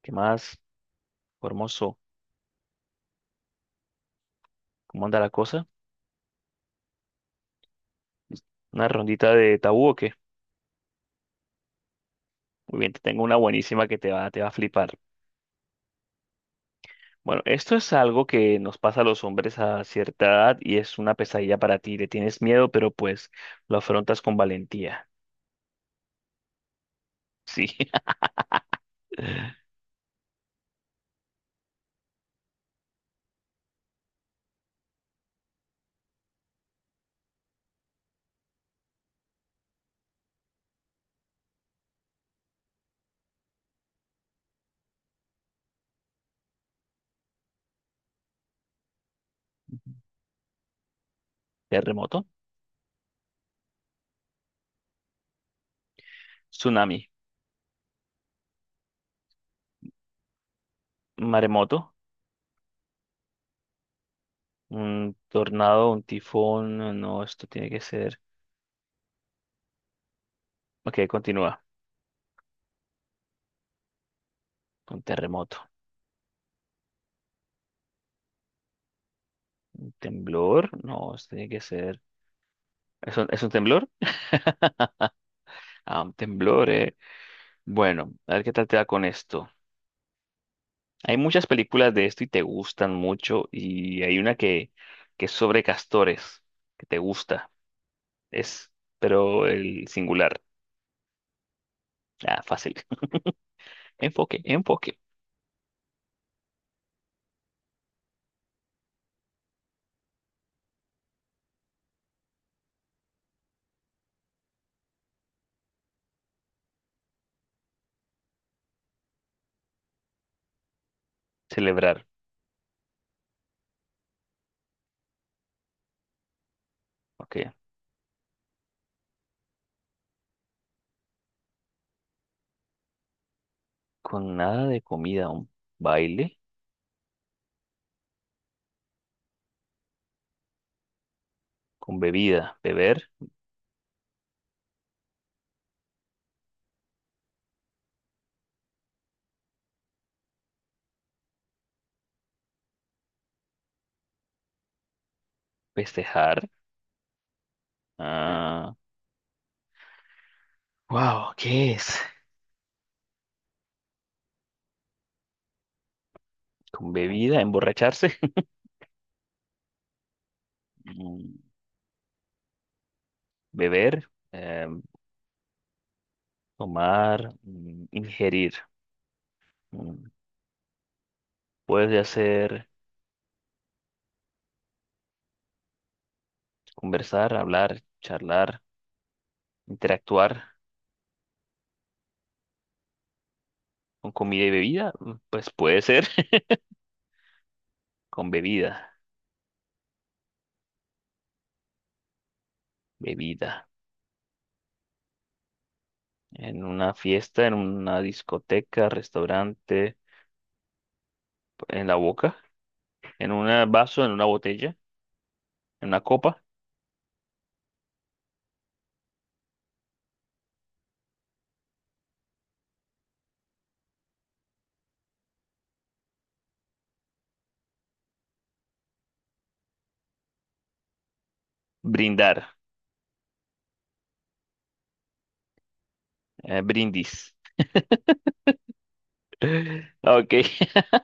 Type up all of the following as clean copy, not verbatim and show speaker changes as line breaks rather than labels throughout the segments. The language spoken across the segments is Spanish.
¿Qué más, hermoso? ¿Cómo anda la cosa? ¿Una rondita de tabú o qué? Muy bien, te tengo una buenísima que te va a flipar. Bueno, esto es algo que nos pasa a los hombres a cierta edad y es una pesadilla para ti. Le tienes miedo, pero pues lo afrontas con valentía. Sí. Terremoto, tsunami, maremoto, un tornado, un tifón. No, esto tiene que ser. Ok, continúa. Un terremoto. Temblor. No, esto tiene que ser. ¿Es un temblor? Ah, un temblor, eh. Bueno, a ver qué tal te da con esto. Hay muchas películas de esto y te gustan mucho y hay una que es sobre castores, que te gusta. Es, pero el singular. Ah, fácil. Enfoque, enfoque. Celebrar. Ok. Con nada de comida, un baile, con bebida, beber, festejar. Ah, wow, ¿qué es? Con bebida, emborracharse. mm, Beber, tomar, ingerir. Mm, Puedes hacer conversar, hablar, charlar, interactuar con comida y bebida. Pues puede ser. Con bebida, bebida. En una fiesta, en una discoteca, restaurante, en la boca, en un vaso, en una botella, en una copa. Brindar, brindis. Ok.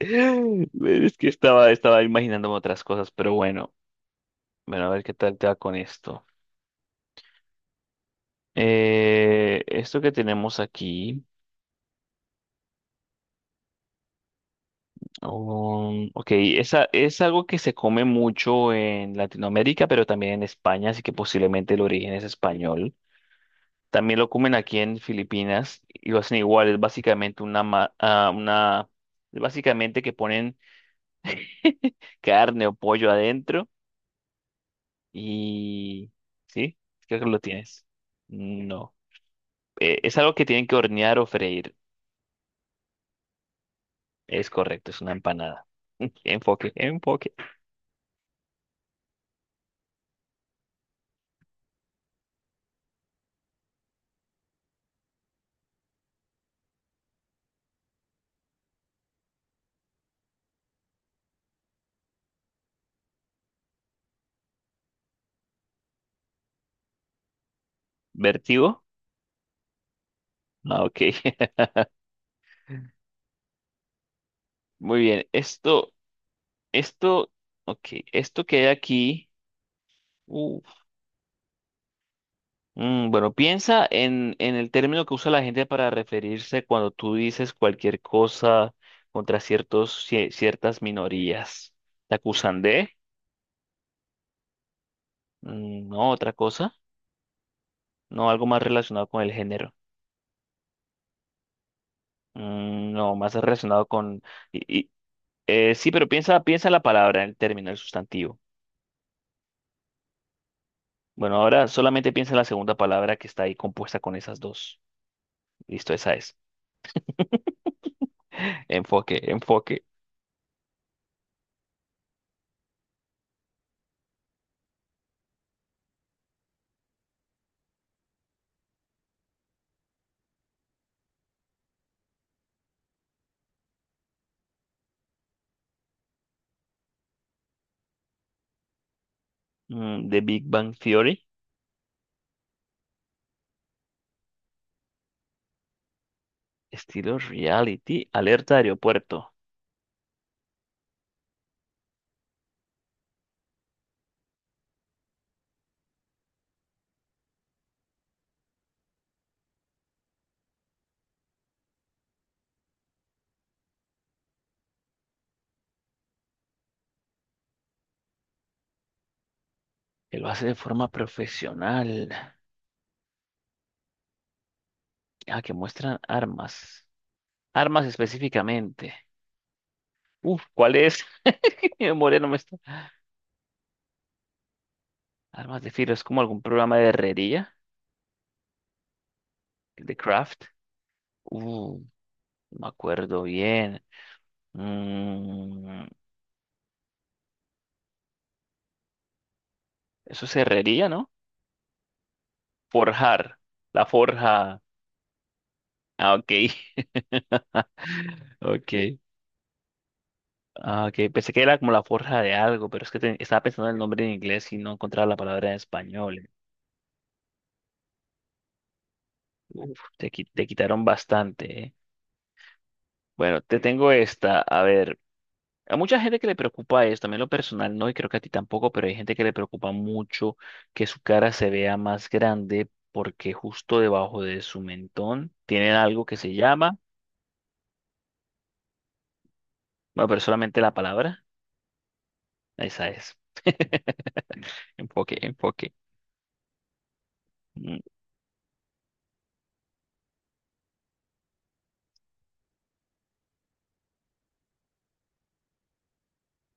Es que estaba imaginándome otras cosas, pero bueno. Bueno, a ver qué tal te va con esto. Esto que tenemos aquí. Ok, esa, es algo que se come mucho en Latinoamérica, pero también en España, así que posiblemente el origen es español. También lo comen aquí en Filipinas y lo hacen igual, es básicamente una, una, es básicamente que ponen carne o pollo adentro y... ¿Sí? Creo que lo tienes. No. Es algo que tienen que hornear o freír. Es correcto, es una empanada. Enfoque, enfoque. ¿Vertigo? Ah, ok. Muy bien, esto... Esto, ok, esto que hay aquí, uf, bueno, piensa en el término que usa la gente para referirse cuando tú dices cualquier cosa contra ciertas minorías. ¿Te acusan de? No, otra cosa. No, algo más relacionado con el género. No, más relacionado con... y- y- sí, pero piensa en la palabra, en el término, el sustantivo. Bueno, ahora solamente piensa en la segunda palabra que está ahí compuesta con esas dos. Listo, esa es. Enfoque, enfoque. De Big Bang Theory, estilo reality, alerta de aeropuerto. Él lo hace de forma profesional. Ah, que muestran armas. Armas específicamente. Uf, ¿cuál es? Mi memoria no me está. Armas de filo, es como algún programa de herrería, de craft. Uh, no me acuerdo bien. Mm, eso es herrería, ¿no? Forjar. La forja. Ah, ok. Ok. Ah, ok, pensé que era como la forja de algo, pero es que estaba pensando en el nombre en inglés y no encontraba la palabra en español. Uf, te quitaron bastante, ¿eh? Bueno, te tengo esta. A ver, a mucha gente que le preocupa esto, a mí en lo personal no, y creo que a ti tampoco, pero hay gente que le preocupa mucho que su cara se vea más grande porque justo debajo de su mentón tienen algo que se llama, bueno, pero solamente la palabra, esa es. Enfoque, enfoque. Mm,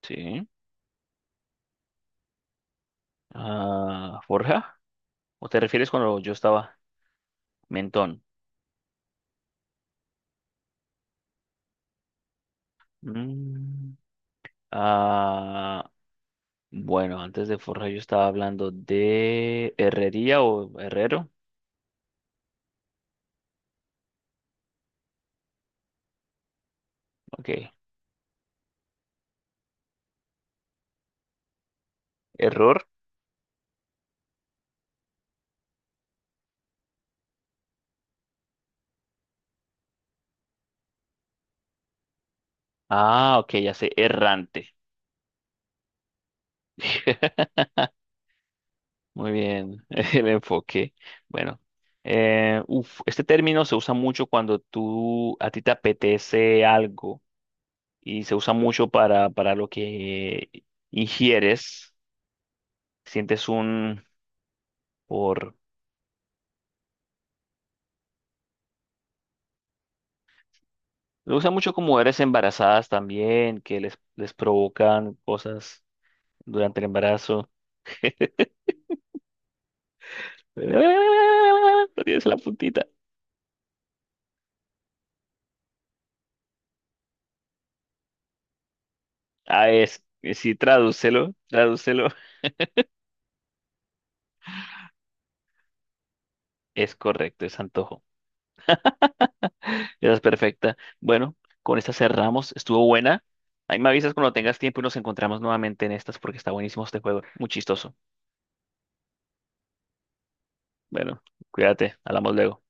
sí. Ah, forja. ¿O te refieres cuando yo estaba? Mentón. Mm, ah, bueno, antes de Forja yo estaba hablando de herrería o herrero. Ok. Error. Ah, ok, ya sé. Errante. Muy bien, el enfoque. Bueno, uf, este término se usa mucho cuando tú, a ti te apetece algo y se usa mucho para lo que ingieres. Sientes un, por, lo usan mucho con mujeres embarazadas también, que les provocan cosas durante el embarazo. No tienes la puntita. Ah, es, sí, tradúcelo, tradúcelo. Es correcto, es antojo. Esa es perfecta. Bueno, con esta cerramos. Estuvo buena. Ahí me avisas cuando tengas tiempo y nos encontramos nuevamente en estas porque está buenísimo este juego. Muy chistoso. Bueno, cuídate, hablamos luego.